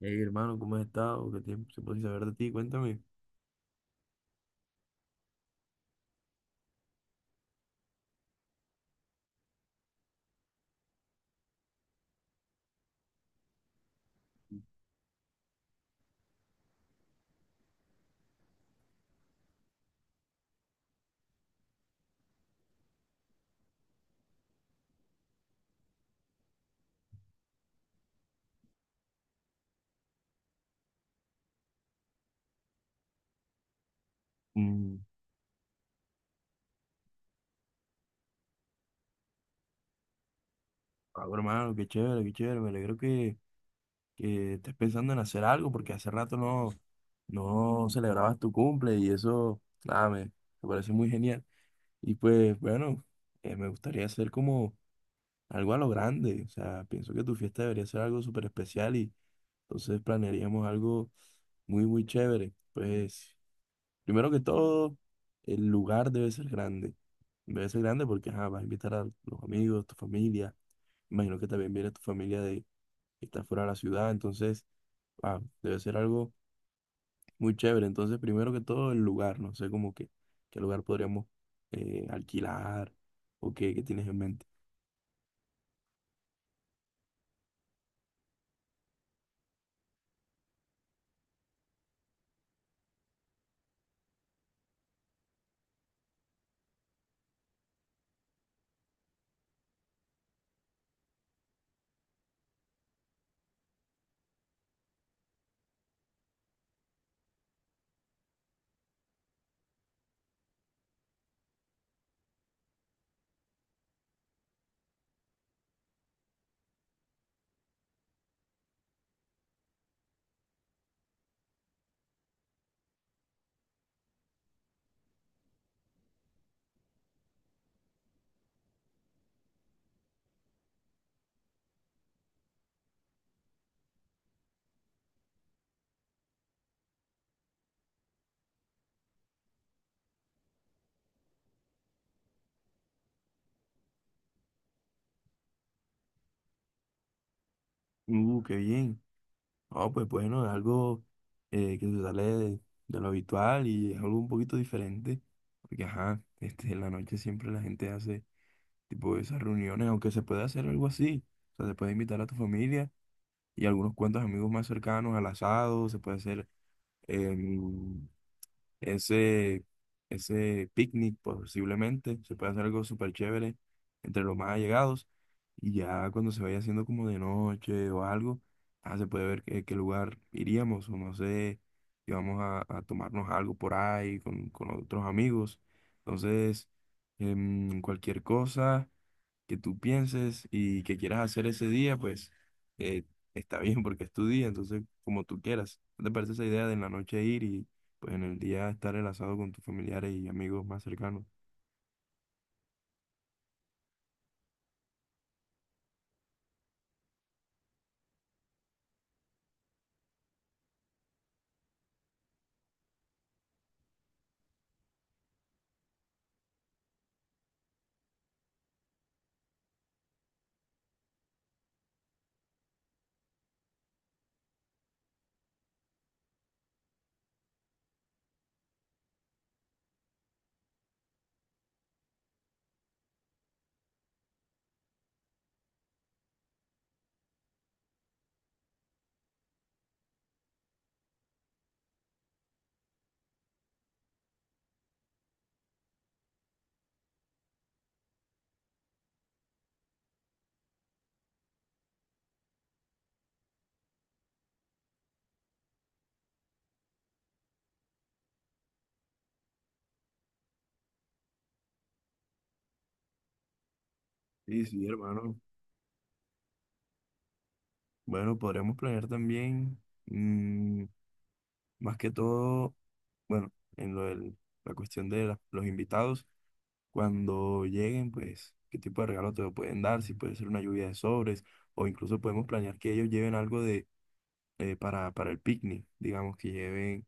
Hey, hermano, ¿cómo has estado? ¿Qué tiempo se puede saber de ti? Cuéntame. Mm, bueno, hermano, qué chévere, qué chévere. Me alegro que estés pensando en hacer algo porque hace rato no celebrabas tu cumple y eso. Nada, me parece muy genial. Y pues, bueno, me gustaría hacer como algo a lo grande. O sea, pienso que tu fiesta debería ser algo súper especial y entonces planearíamos algo muy, muy chévere. Pues, primero que todo, el lugar debe ser grande. Debe ser grande porque ajá, vas a invitar a los amigos, tu familia. Imagino que también viene tu familia de que está fuera de la ciudad. Entonces debe ser algo muy chévere. Entonces, primero que todo, el lugar. No sé cómo que qué lugar podríamos alquilar, o qué, qué tienes en mente. Qué bien. No, pues bueno, es algo que se sale de lo habitual y es algo un poquito diferente. Porque, ajá, este, en la noche siempre la gente hace tipo esas reuniones, aunque se puede hacer algo así. O sea, se puede invitar a tu familia y algunos cuantos amigos más cercanos al asado. Se puede hacer em, ese, ese picnic posiblemente, se puede hacer algo súper chévere entre los más allegados, y ya cuando se vaya haciendo como de noche o algo, se puede ver qué, qué lugar iríamos, o no sé, si vamos a tomarnos algo por ahí con otros amigos. Entonces, cualquier cosa que tú pienses y que quieras hacer ese día, pues eh, está bien porque es tu día, entonces como tú quieras. ¿No te parece esa idea de en la noche ir y pues en el día estar el asado con tus familiares y amigos más cercanos? Sí, sí, hermano. Bueno, podríamos planear también, mm, más que todo, bueno, en lo la cuestión de los invitados, cuando lleguen, pues, qué tipo de regalo te lo pueden dar, si puede ser una lluvia de sobres, o incluso podemos planear que ellos lleven algo para el picnic. Digamos que lleven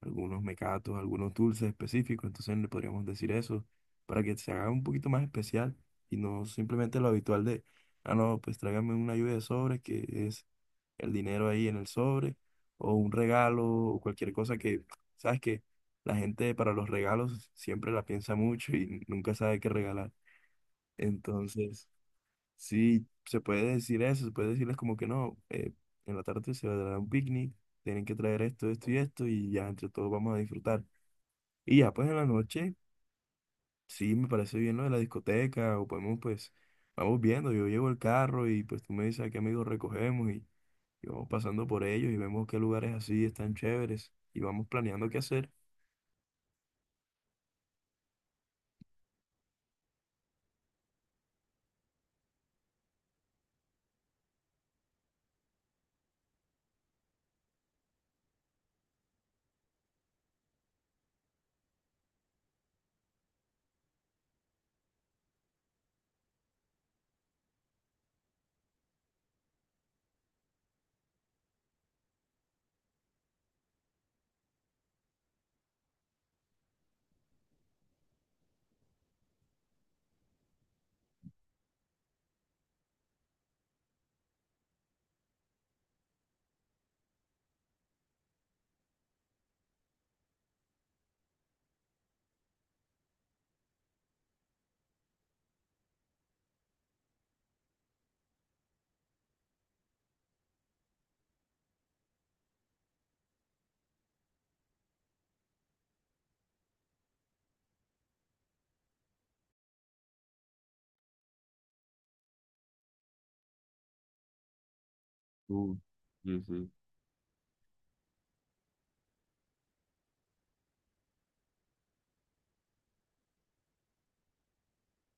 algunos mecatos, algunos dulces específicos, entonces le podríamos decir eso, para que se haga un poquito más especial y no simplemente lo habitual de, ah, no, pues tráigame una lluvia de sobres, que es el dinero ahí en el sobre, o un regalo, o cualquier cosa que, sabes que la gente para los regalos siempre la piensa mucho y nunca sabe qué regalar. Entonces... Sí, se puede decir eso, se puede decirles como que no, en la tarde se va a dar un picnic, tienen que traer esto, esto y esto, y ya entre todos vamos a disfrutar. Y ya pues en la noche, sí, me parece bien lo de la discoteca, o podemos pues, vamos viendo, yo llevo el carro y pues tú me dices a qué amigos recogemos, y vamos pasando por ellos y vemos qué lugares así están chéveres y vamos planeando qué hacer.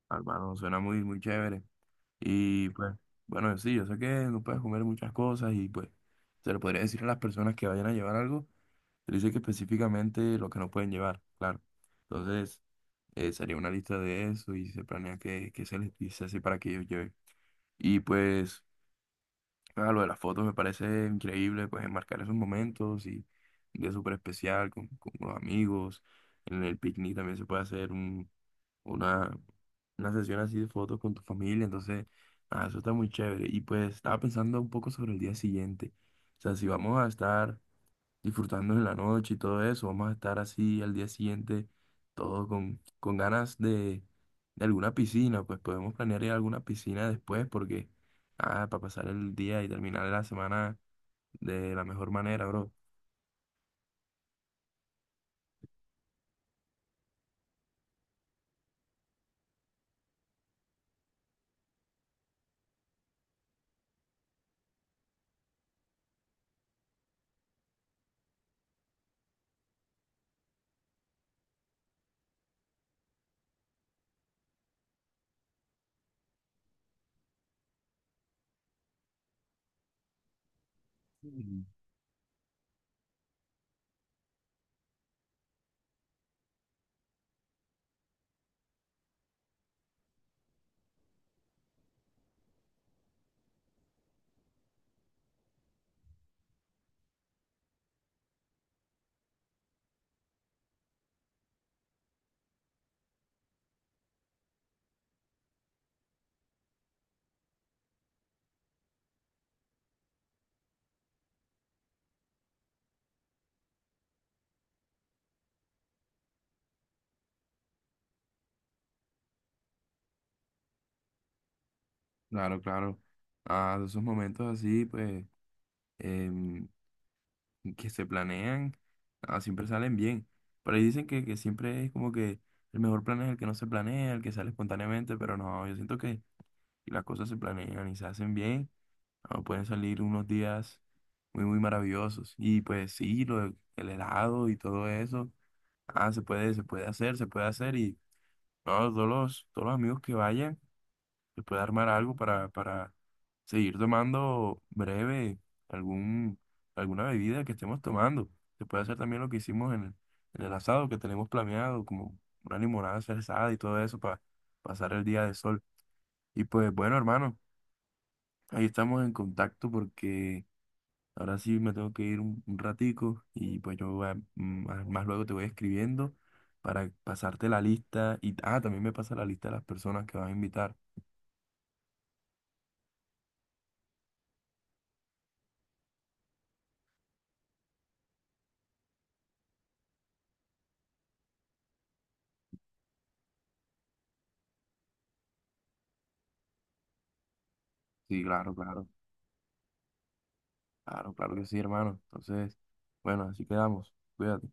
Ah, hermano, suena muy, muy chévere. Y pues, bueno, sí, yo sé que no puedes comer muchas cosas y pues se lo podría decir a las personas que vayan a llevar algo, se les dice que específicamente lo que no pueden llevar, claro. Entonces, sería una lista de eso y se planea que se les dice así para que ellos lleven. Y pues, lo de las fotos me parece increíble, pues enmarcar esos momentos y un día súper especial con los amigos. En el picnic también se puede hacer una, una sesión así de fotos con tu familia. Entonces, nada, eso está muy chévere. Y pues estaba pensando un poco sobre el día siguiente. O sea, si vamos a estar disfrutando en la noche y todo eso, vamos a estar así al día siguiente, todo con ganas de alguna piscina. Pues podemos planear ir a alguna piscina después porque, para pasar el día y terminar la semana de la mejor manera, bro. Mm, claro, claro. Ah, de esos momentos así, pues, que se planean, ah, siempre salen bien. Por ahí dicen que siempre es como que el mejor plan es el que no se planea, el que sale espontáneamente, pero no, yo siento que si las cosas se planean y se hacen bien, ah, pueden salir unos días muy, muy maravillosos. Y pues sí, el helado y todo eso, ah, se puede hacer y no, todos todos los amigos que vayan, se puede armar algo para seguir tomando breve algún, alguna bebida que estemos tomando. Se puede hacer también lo que hicimos en en el asado que tenemos planeado, como una limonada cerezada y todo eso para pasar el día de sol. Y pues bueno, hermano, ahí estamos en contacto porque ahora sí me tengo que ir un ratico y pues yo más, más luego te voy escribiendo para pasarte la lista y ah, también me pasa la lista de las personas que vas a invitar. Sí, claro, claro. Claro, claro que sí, hermano. Entonces, bueno, así quedamos. Cuídate.